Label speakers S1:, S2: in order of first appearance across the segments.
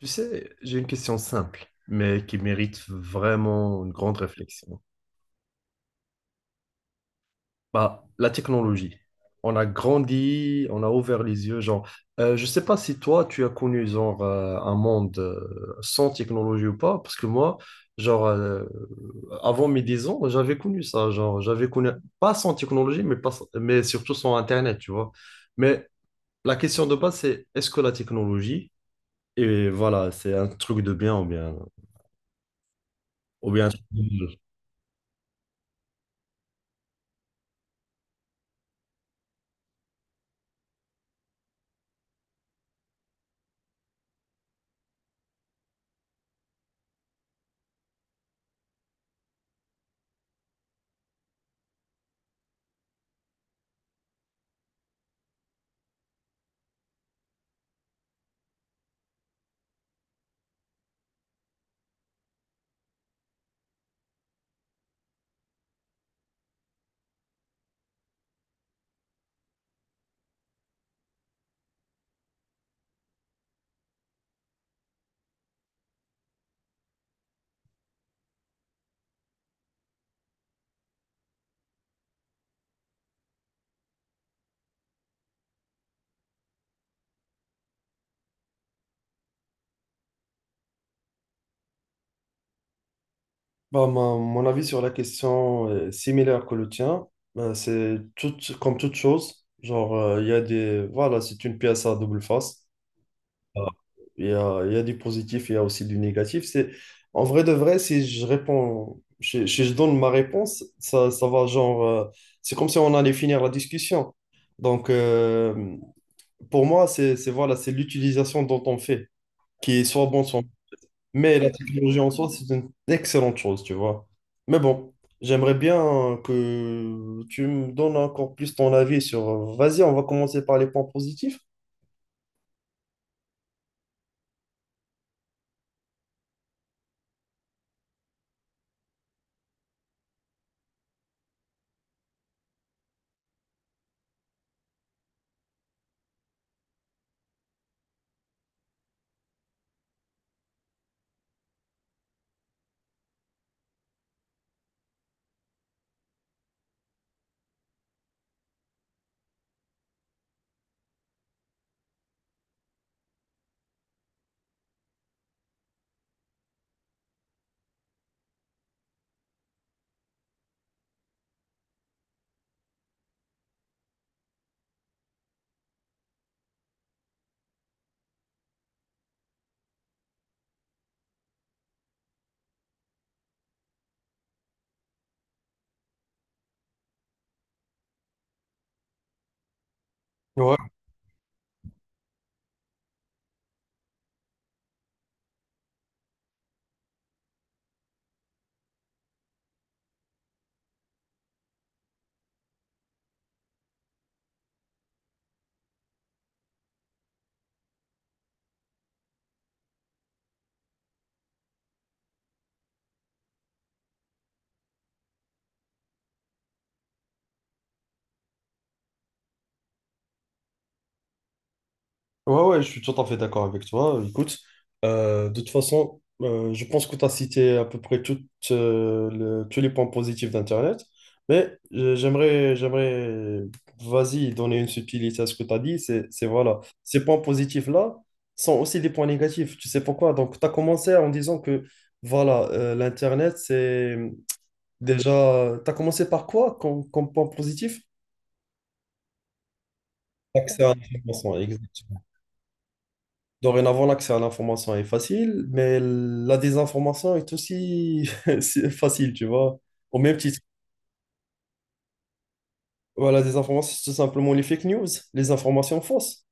S1: Tu sais, j'ai une question simple, mais qui mérite vraiment une grande réflexion. Bah, la technologie. On a grandi, on a ouvert les yeux, genre, je sais pas si toi, tu as connu, genre, un monde sans technologie ou pas, parce que moi, genre, avant mes 10 ans, j'avais connu ça, genre, j'avais connu, pas sans technologie, mais, pas, mais surtout sans Internet, tu vois. Mais la question de base, c'est, est-ce que la technologie, et voilà, c'est un truc de bien ou bien, ou bien un truc de mal. Bah, mon avis sur la question est similaire que le tien. C'est tout, comme toute chose. Genre, il y a des. Voilà, c'est une pièce à double face. Euh, il y a du positif, il y a aussi du négatif. C'est, en vrai de vrai, si je réponds, si je donne ma réponse, ça va genre, c'est comme si on allait finir la discussion. Donc, pour moi, c'est, voilà, c'est l'utilisation dont on fait, qui est soit bon, soit mais la technologie en soi, c'est une excellente chose, tu vois. Mais bon, j'aimerais bien que tu me donnes encore plus ton avis sur... Vas-y, on va commencer par les points positifs. Ouais. Ouais, ouais, je suis tout à fait d'accord avec toi. Écoute, de toute façon, je pense que tu as cité à peu près toutes, tous les points positifs d'Internet, mais j'aimerais, vas-y, donner une subtilité à ce que tu as dit. C'est voilà, ces points positifs-là sont aussi des points négatifs. Tu sais pourquoi? Donc, tu as commencé en disant que, voilà, l'Internet, c'est déjà. Tu as commencé par quoi comme point positif? L'accès à l'information, exact. Dorénavant, l'accès à l'information est facile, mais la désinformation est aussi c'est facile, tu vois. Au même titre, voilà, la désinformation, c'est tout simplement les fake news, les informations fausses.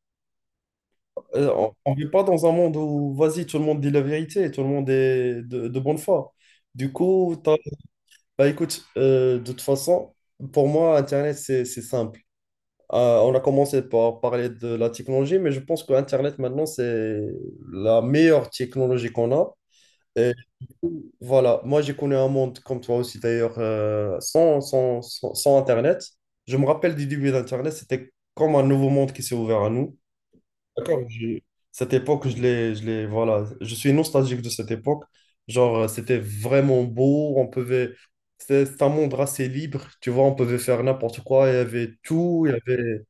S1: Euh, on ne vit pas dans un monde où, vas-y, tout le monde dit la vérité, tout le monde est de bonne foi. Du coup, bah, écoute, de toute façon, pour moi, Internet, c'est simple. On a commencé par parler de la technologie, mais je pense que Internet, maintenant, c'est la meilleure technologie qu'on a. Et voilà, moi j'ai connu un monde comme toi aussi d'ailleurs, sans Internet. Je me rappelle du début d'Internet, c'était comme un nouveau monde qui s'est ouvert à nous. D'accord. Cette époque, voilà, je suis nostalgique de cette époque. Genre, c'était vraiment beau, on pouvait, c'était un monde assez libre, tu vois, on pouvait faire n'importe quoi, il y avait tout, il y avait...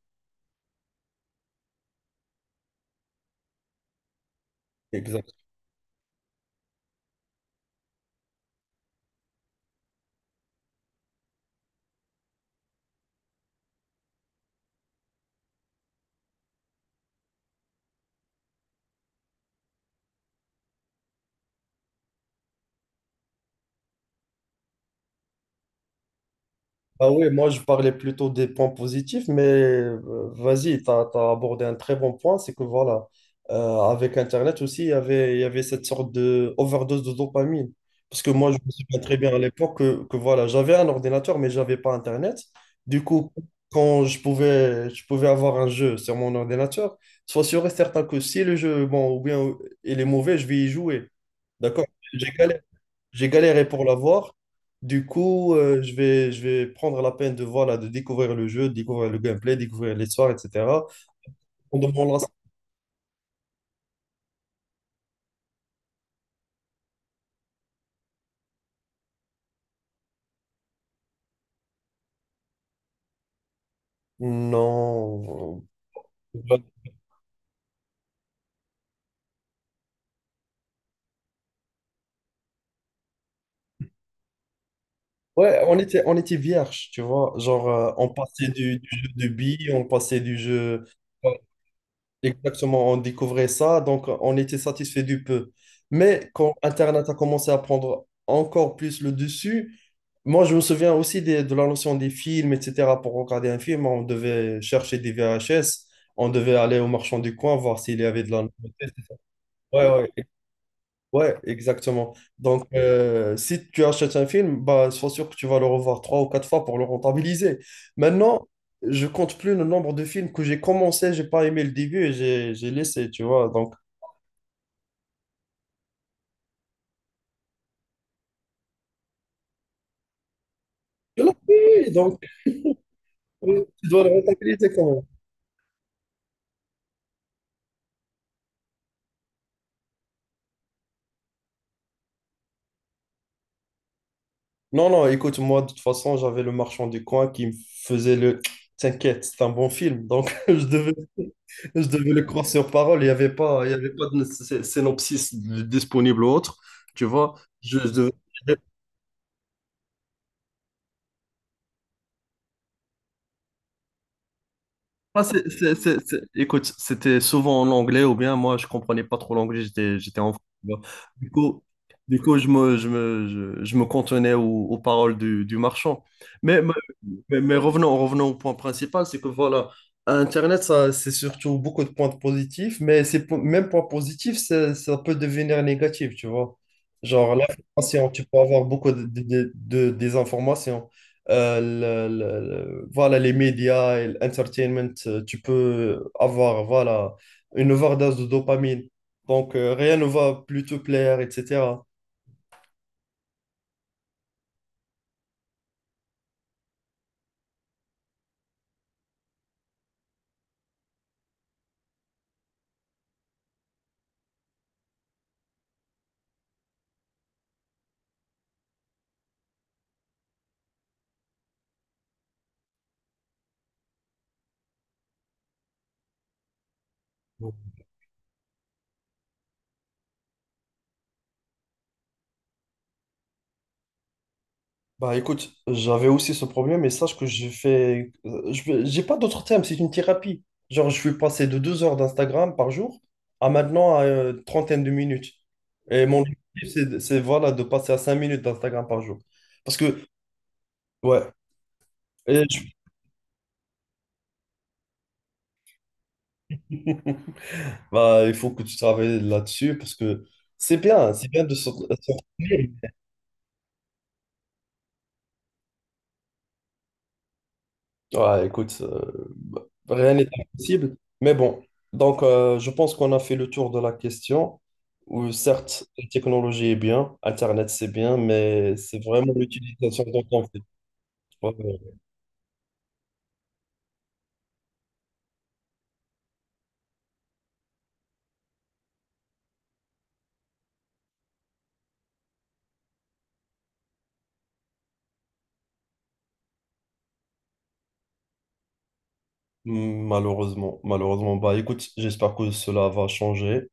S1: Ah oui, moi je parlais plutôt des points positifs, mais vas-y, tu as, abordé un très bon point, c'est que voilà, avec Internet aussi, il y avait cette sorte de overdose de dopamine. Parce que moi, je me souviens très bien à l'époque que, voilà, j'avais un ordinateur, mais j'avais pas Internet. Du coup, quand je pouvais avoir un jeu sur mon ordinateur, sois sûr et certain que si le jeu, bon, ou bien il est mauvais, je vais y jouer. D'accord? J'ai galéré j'ai galéré pour l'avoir. Du coup, je vais prendre la peine de, voilà, de découvrir le jeu, de découvrir le gameplay, découvrir l'histoire, etc. On demande la-. Non. Ouais, on était vierge, tu vois. Genre, on passait du, jeu de billes, on passait du jeu. Ouais, exactement, on découvrait ça, donc on était satisfait du peu. Mais quand Internet a commencé à prendre encore plus le dessus, moi, je me souviens aussi de la notion des films, etc. Pour regarder un film, on devait chercher des VHS, on devait aller au marchand du coin voir s'il y avait de la nouveauté. Ouais, ouais, ouais, exactement. Donc, si tu achètes un film, bah, sois sûr que tu vas le revoir trois ou quatre fois pour le rentabiliser. Maintenant, je compte plus le nombre de films que j'ai commencé, j'ai pas aimé le début et j'ai laissé, tu vois. Donc, je l'ai fait, donc, tu dois le rentabiliser quand. Non, non, écoute, moi, de toute façon, j'avais le marchand du coin qui me faisait le T'inquiète, c'est un bon film. Donc, je devais, le croire sur parole. Il n'y avait pas, il y avait pas de synopsis disponible ou autre. Tu vois, je devais. Ah, Écoute, c'était souvent en anglais ou bien moi je comprenais pas trop l'anglais, j'étais enfant. Tu vois. Du coup, du coup, je me cantonnais aux, paroles du, marchand. Mais, mais, mais revenons, au point principal, c'est que voilà, Internet, ça, c'est surtout beaucoup de points positifs, mais ces même points positifs, ça peut devenir négatif, tu vois. Genre l'information, tu peux avoir beaucoup de, des informations euh, le- le- voilà, les médias et l'entertainment, tu peux avoir voilà, une overdose de dopamine. Donc, rien ne va plus te plaire, etc. Bah écoute, j'avais aussi ce problème et sache que j'ai fait. J'ai pas d'autre terme, c'est une thérapie. Genre, je suis passé de 2 heures d'Instagram par jour à maintenant à trentaine de minutes. Et mon objectif, c'est, voilà, de passer à 5 minutes d'Instagram par jour. Parce que, ouais, et bah, il faut que tu travailles là-dessus parce que c'est bien de sortir. Ouais, écoute, bah, rien n'est impossible. Mais bon, donc je pense qu'on a fait le tour de la question. Où certes, la technologie est bien, Internet c'est bien, mais c'est vraiment l'utilisation dont on fait. Ouais, ouais. Malheureusement, malheureusement. Bah écoute, j'espère que cela va changer.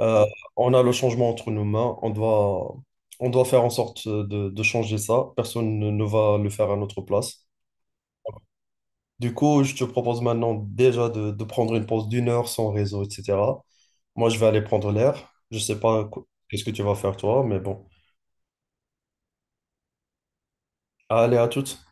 S1: Euh, on a le changement entre nos mains. On doit faire en sorte de changer ça. Personne ne va le faire à notre place. Du coup, je te propose maintenant déjà de prendre une pause d'1 heure sans réseau, etc. Moi, je vais aller prendre l'air. Je sais pas qu'est-ce que tu vas faire toi, mais bon. Allez, à toutes.